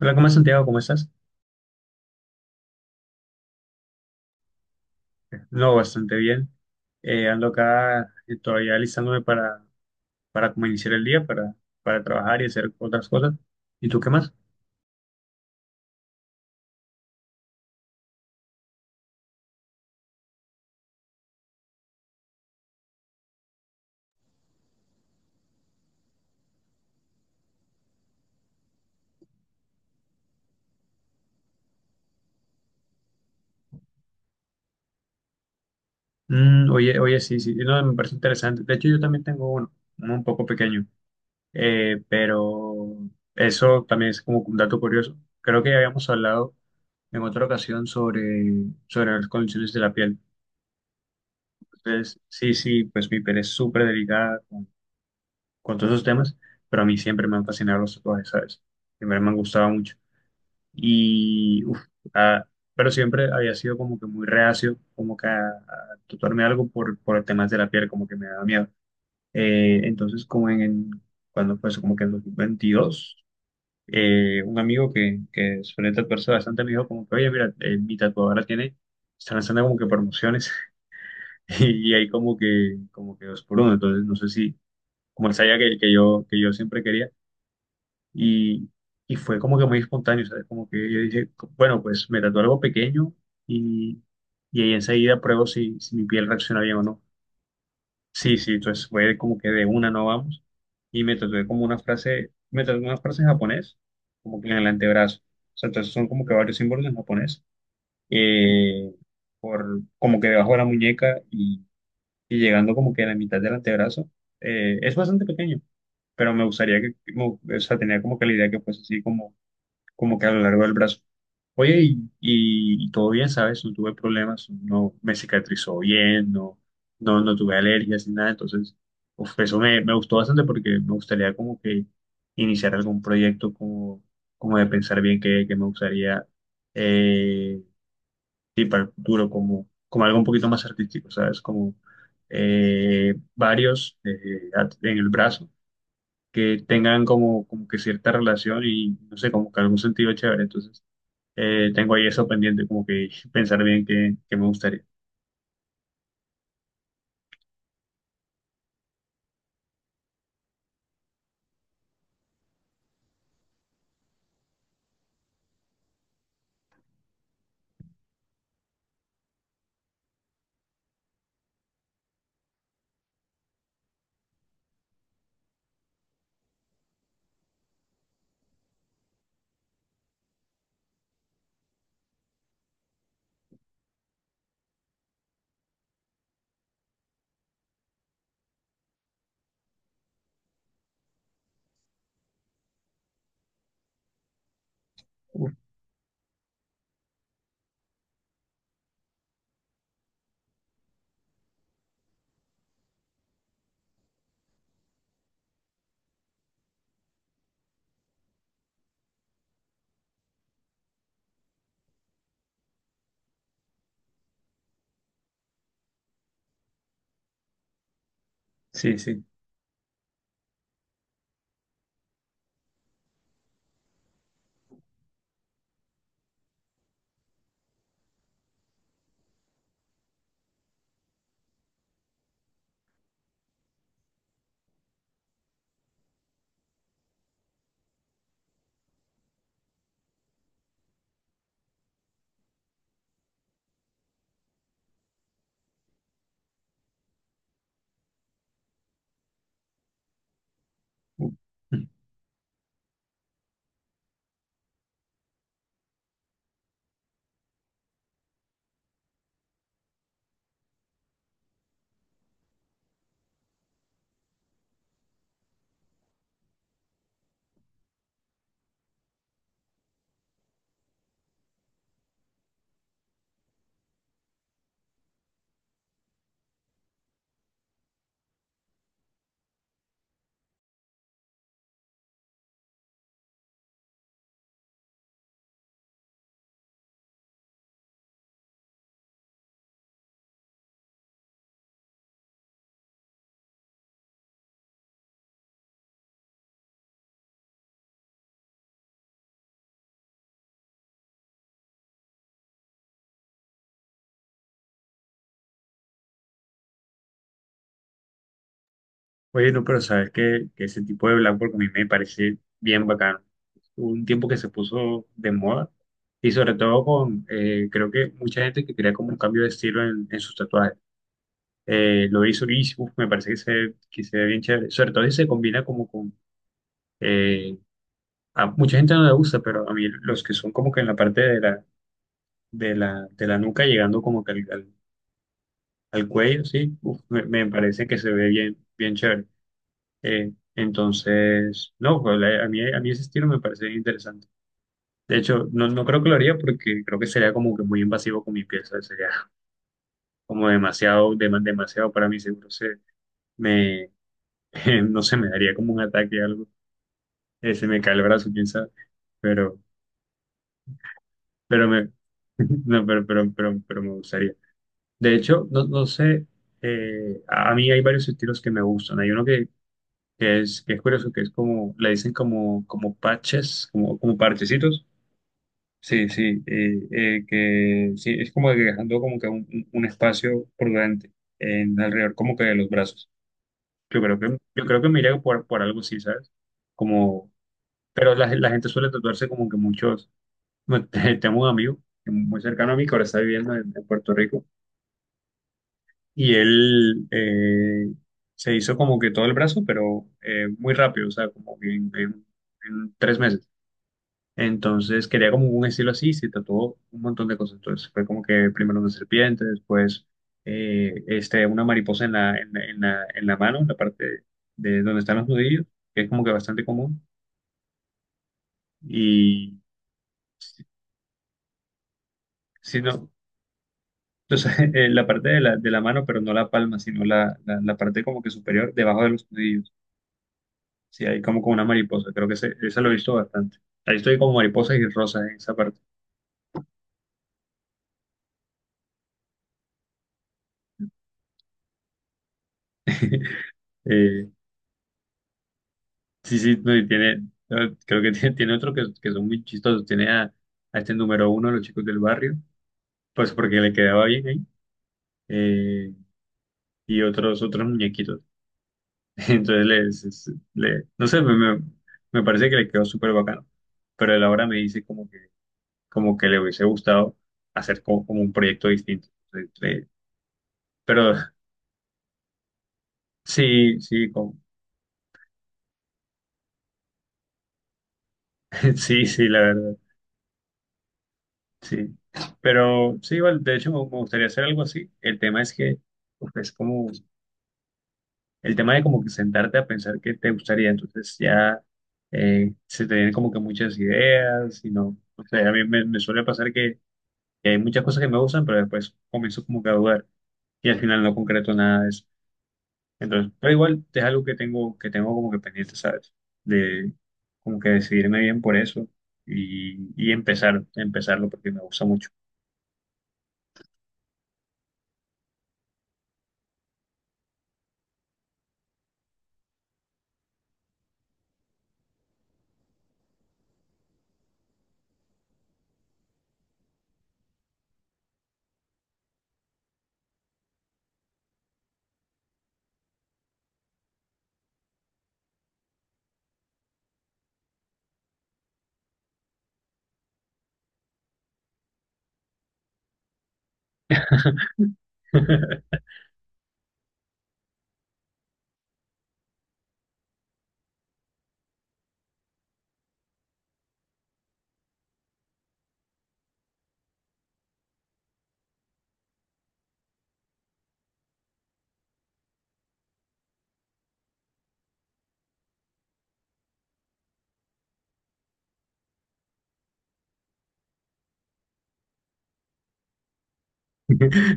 Hola, ¿cómo es Santiago? ¿Cómo estás? No, bastante bien. Ando acá todavía alistándome para como iniciar el día, para trabajar y hacer otras cosas. ¿Y tú qué más? Mm, oye, sí, no, me parece interesante. De hecho, yo también tengo uno, uno un poco pequeño. Pero eso también es como un dato curioso. Creo que ya habíamos hablado en otra ocasión sobre las condiciones de la piel. Entonces, sí, pues mi piel es súper delicada con todos esos temas, pero a mí siempre me han fascinado los tatuajes, ¿sabes? Siempre me han gustado mucho. Y, uf, ah, pero siempre había sido como que muy reacio, como que a tatuarme algo por el tema de la piel, como que me daba miedo. Eh, entonces, como en, en- Cuando pues, como que en 2022, un amigo que suele tatuarse bastante me dijo como que, oye, mira, mi tatuadora tiene, está lanzando como que promociones hay como como que dos por uno, entonces no sé si, como él sabía que yo siempre quería, Y, y fue como que muy espontáneo, ¿sabes? Como que yo dije, bueno, pues me tatué algo pequeño y, y ahí enseguida pruebo si, si mi piel reacciona bien o no. Sí, entonces fue como que de una no vamos. Y me tatué como una frase, me tatué una frase en japonés, como que en el antebrazo. O sea, entonces son como que varios símbolos en japonés, eh, por, como que debajo de la muñeca y llegando como que a la mitad del antebrazo. Es bastante pequeño, pero me gustaría o sea, tenía como que la idea que fuese así como como que a lo largo del brazo. Oye, y, y todo bien, ¿sabes? No tuve problemas, no me cicatrizó bien, no, no, no tuve alergias ni nada, entonces, uf, eso me gustó bastante porque me gustaría como que iniciar algún proyecto como, como de pensar bien qué me gustaría eh, sí, para el futuro, como, como algo un poquito más artístico, ¿sabes? Como en el brazo que tengan como, como que cierta relación y no sé, como que algún sentido chévere, entonces. Tengo ahí eso pendiente, como que pensar bien qué me gustaría. Uh, sí, sí. Uh. Bueno, pero sabes que ese tipo de blackboard a mí me parece bien bacano. Hubo un tiempo que se puso de moda y sobre todo con creo que mucha gente que quería como un cambio de estilo en sus tatuajes. Lo hizo y uf, me parece que que se ve bien chévere. Sobre todo si se combina como con... eh, a mucha gente no le gusta, pero a mí los que son como que en la parte de de la nuca llegando como que al cuello, sí, uf, me parece que se ve bien, bien chévere. Entonces, no, pues, la- A mí ese estilo me parece interesante. De hecho, no, no creo que lo haría porque creo que sería como que muy invasivo con mi piel, ¿sabes? Sería como demasiado, demasiado para mí, seguro se me, no sé, me daría como un ataque o algo. Se me cae el brazo, quién sabe, pero, pero me, no, pero me gustaría. De hecho, no, no sé, a mí hay varios estilos que me gustan. Hay uno que es curioso, que es como, le dicen como, como parches, como, como parchecitos. Sí, sí, que sí, es como que dejando como que un espacio prudente en alrededor como que de los brazos. Yo creo que me iría por algo así, ¿sabes? Como, pero la gente suele tatuarse como que muchos, bueno, tengo un amigo muy cercano a mí que ahora está viviendo en Puerto Rico y él se hizo como que todo el brazo, pero muy rápido, o sea, como que en tres meses. Entonces quería como un estilo así, y se tatuó un montón de cosas. Entonces fue como que primero una serpiente, después una mariposa en en la mano, en la parte de donde están los nudillos, que es como que bastante común. Y si si no, entonces la parte de de la mano, pero no la palma, sino la parte como que superior, debajo de los nudillos. Sí, hay como con una mariposa, creo que esa lo he visto bastante. Ahí estoy como mariposas y rosas en esa parte. Eh, Sí, sí, no, y tiene, creo que tiene otro que son muy chistosos. Tiene a este número uno, de los chicos del barrio, pues porque le quedaba bien ahí, eh, y otros, otros muñequitos. Entonces, les, le, no sé, me- Me parece que le quedó súper bacano. Pero él ahora me dice como como que le hubiese gustado hacer como, como un proyecto distinto. Entonces, pero sí, sí, como- sí, sí, la verdad. Sí, pero sí, igual, de hecho me gustaría hacer algo así. El tema es que pues, es como el tema de como que sentarte a pensar qué te gustaría, entonces ya se te vienen como que muchas ideas y no, o sea, a mí me suele pasar que hay muchas cosas que me gustan, pero después comienzo como que a dudar y al final no concreto nada de eso. Entonces, pero igual es algo que tengo como que pendiente, ¿sabes? De como que decidirme bien por eso y empezar, empezarlo porque me gusta mucho.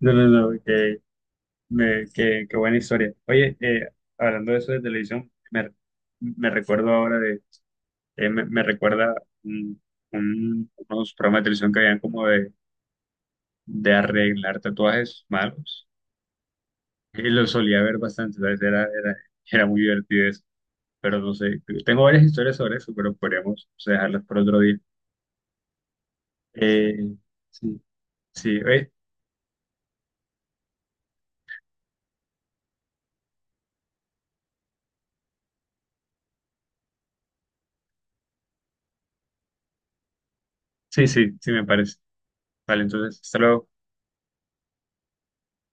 No, no, no, qué, me- qué- Qué buena historia. Oye, hablando de eso de televisión, me recuerdo ahora de, me recuerda un- unos programas de televisión que habían como de arreglar tatuajes malos. Y lo solía ver bastante, ¿sabes? Era muy divertido eso. Pero no sé, tengo varias historias sobre eso, pero podríamos o sea, dejarlas por otro día. Eh, sí, sí, oye, sí, me parece. Vale, entonces, hasta luego.